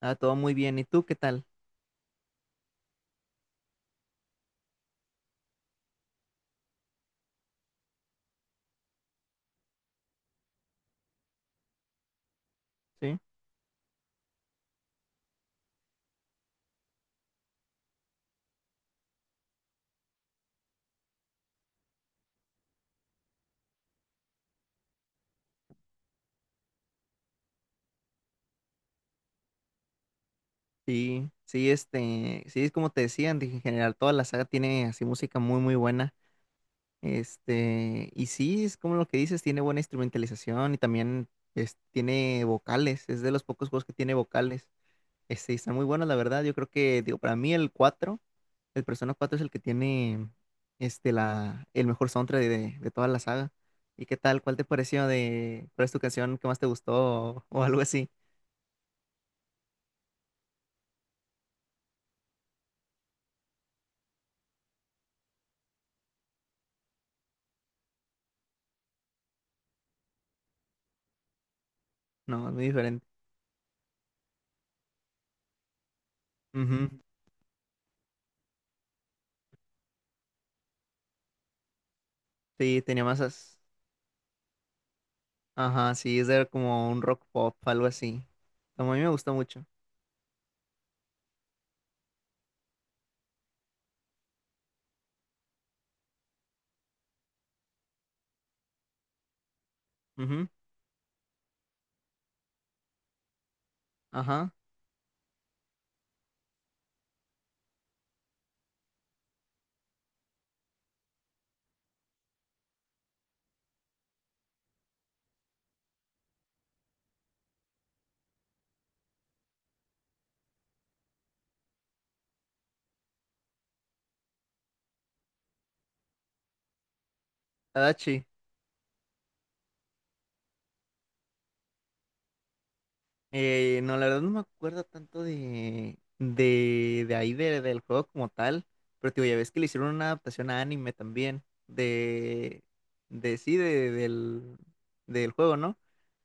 Ah, todo muy bien. ¿Y tú qué tal? Sí, sí, sí, sí, es como te decía, en general toda la saga tiene así música muy, muy buena. Y sí, es como lo que dices, tiene buena instrumentalización y también tiene vocales. Es de los pocos juegos que tiene vocales. Y están muy buenos, la verdad. Yo creo que, digo, para mí el 4, el Persona 4 es el que tiene, el mejor soundtrack de toda la saga. ¿Y qué tal? ¿Cuál te pareció cuál es tu canción que más te gustó o algo así? No, es muy diferente. Ujú. Sí, tenía masas. Ajá, sí, es de como un rock pop, algo así. Como a mí me gusta mucho. Ujú. Ajá. Tadachi. No, la verdad no me acuerdo tanto de ahí del juego como tal. Pero te digo, ya ves que le hicieron una adaptación a anime también. De, de sí, del juego, ¿no?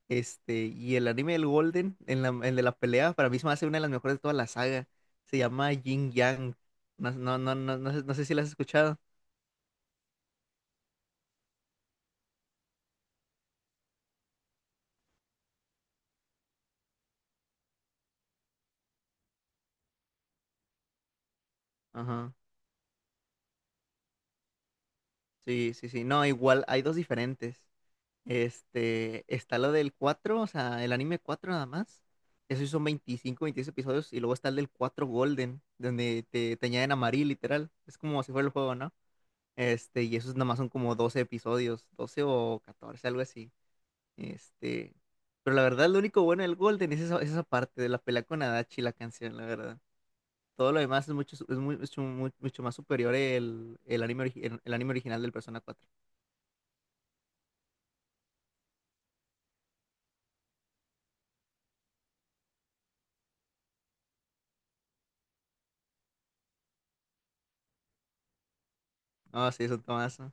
Y el anime del Golden, el de la pelea, para mí se me hace una de las mejores de toda la saga. Se llama Yin Yang. No, no, no, no, no sé si la has escuchado. Ajá. Sí, sí, sí. No, igual hay dos diferentes. Está lo del cuatro, o sea, el anime 4 nada más. Esos son 25 26 episodios. Y luego está el del cuatro Golden, donde te añaden a Marie, literal. Es como si fuera el juego, ¿no? Y esos nada más son como 12 episodios, 12 o catorce, algo así. Este, pero la verdad, lo único bueno del Golden es esa parte de la pelea con Adachi, la canción, la verdad. Todo lo demás es mucho, su- es mu- mucho más superior el anime, el anime original del Persona cuatro. Ah, sí, es un tomazo.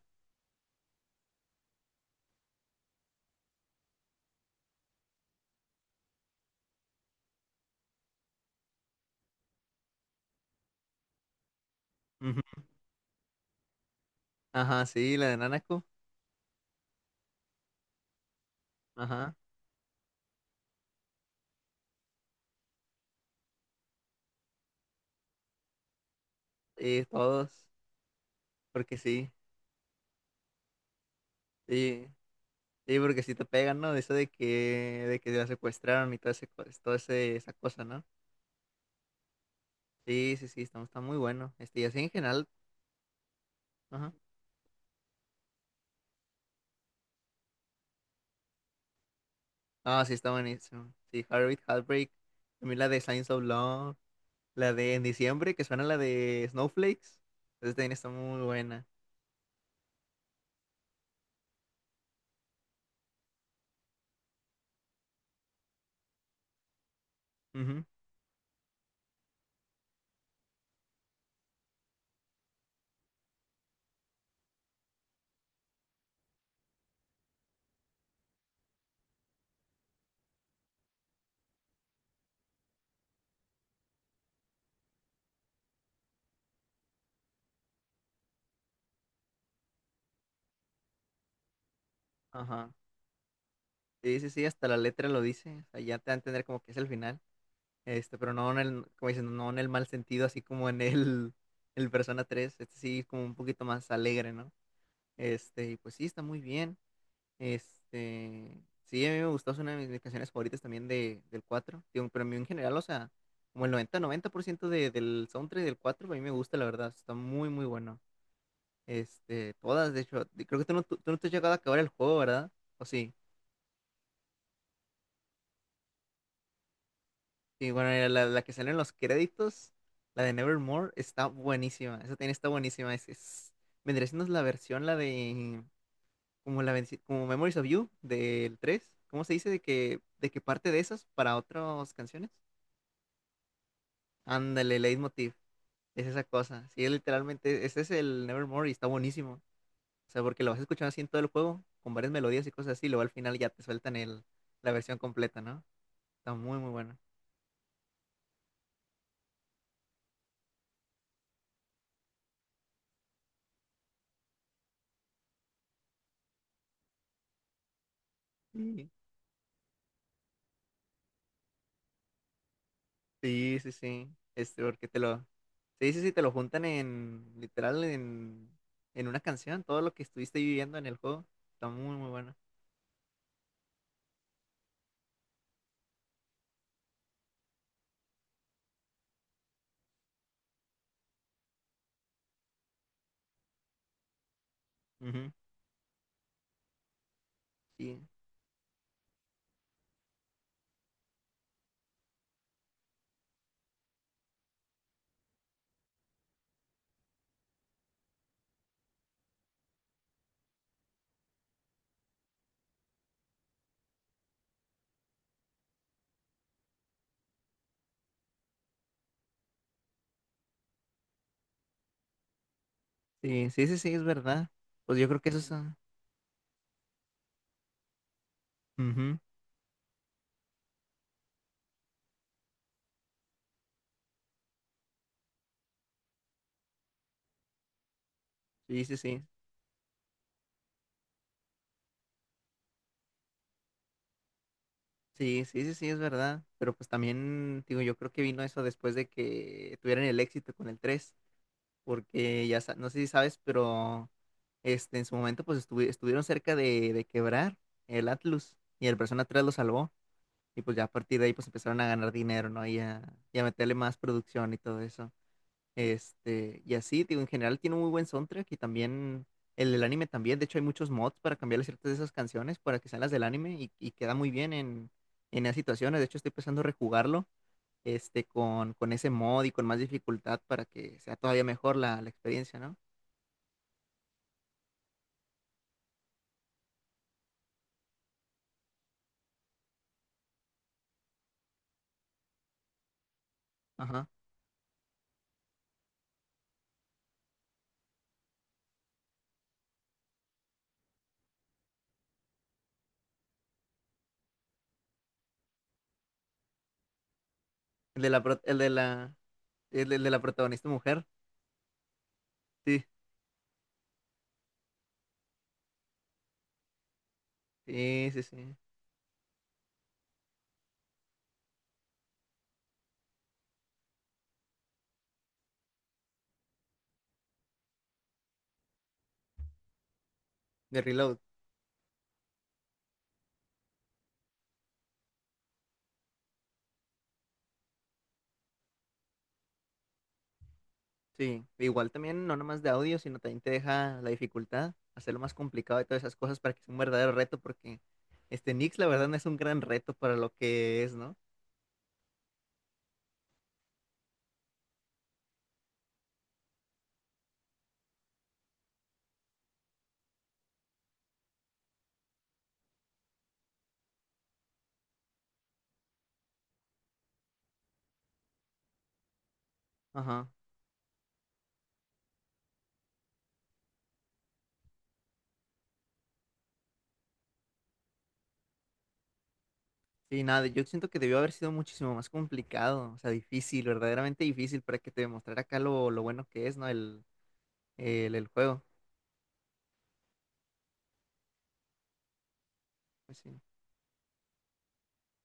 Ujú. Ajá, sí, la de Nanako. Ajá. Sí, todos. Porque sí. Sí. Sí, porque sí te pegan, ¿no? De eso de que la secuestraron y todo ese, esa cosa, ¿no? Sí, sí, sí, está muy bueno. Y así en general. Ajá. Ah, sí, está buenísimo. Sí, Heartbeat, Heartbreak. También la de Signs of Love. La de En Diciembre, que suena la de Snowflakes. Entonces también está muy buena. Ujú. Ajá. Sí, sí, sí, hasta la letra lo dice. O sea, ya te va a entender como que es el final. Pero no en el, como dicen, no en el mal sentido, así como en el Persona 3. Sí, como un poquito más alegre, ¿no? Y pues sí, está muy bien. Sí, a mí me gustó, es una de mis canciones favoritas también del cuatro. Digo, pero a mí en general, o sea, como el 90% del soundtrack del 4 a mí me gusta, la verdad, está muy, muy bueno. Todas, de hecho. Y creo que tú no te has llegado a acabar el juego, ¿verdad? ¿O sí? Sí, bueno, la que sale en los créditos, la de Nevermore, está buenísima, esa también está buenísima, vendría siendo la versión, como Memories of You del tres. ¿Cómo se dice? De que parte de esas para otras canciones. Ándale, leitmotiv. Es esa cosa. Sí, literalmente, ese es el Nevermore y está buenísimo. O sea, porque lo vas escuchando así en todo el juego, con varias melodías y cosas así, y luego al final ya te sueltan la versión completa, ¿no? Está muy, muy bueno. Sí, sí, sí. Sí. Porque te lo. Sí, sí, sí, te lo juntan en. Literal, en. En una canción, todo lo que estuviste viviendo en el juego. Está muy, muy bueno. Ujú. Sí, sí, sí, sí, sí, es verdad. Pues yo creo que eso es. Ah, ujú. Sí, sí, sí. Sí, sí, sí, sí, es verdad. Pero pues también, digo, yo creo que vino eso después de que tuvieran el éxito con el tres, porque ya, no sé si sabes, pero en su momento pues estuvieron cerca de quebrar el Atlus y el Persona 3 lo salvó. Y pues ya a partir de ahí pues empezaron a ganar dinero, ¿no? Y a meterle más producción y todo eso. Y así, digo, en general tiene un muy buen soundtrack y también el del anime también. De hecho, hay muchos mods para cambiarle ciertas de esas canciones para que sean las del anime y queda muy bien en esas situaciones. De hecho, estoy pensando rejugarlo, con ese mod y con más dificultad para que sea todavía mejor la experiencia, ¿no? Ajá. El de la, pro- el de la, el, de la protagonista mujer. Sí, sí, sí, sí. De Reload. Sí, igual también no nomás de audio, sino también te deja la dificultad, hacerlo más complicado y todas esas cosas para que sea un verdadero reto, porque Nix la verdad no es un gran reto para lo que es, ¿no? Ajá. Sí, nada, yo siento que debió haber sido muchísimo más complicado, o sea, difícil, verdaderamente difícil para que te demostrara acá lo bueno que es, ¿no? El juego. Pues sí.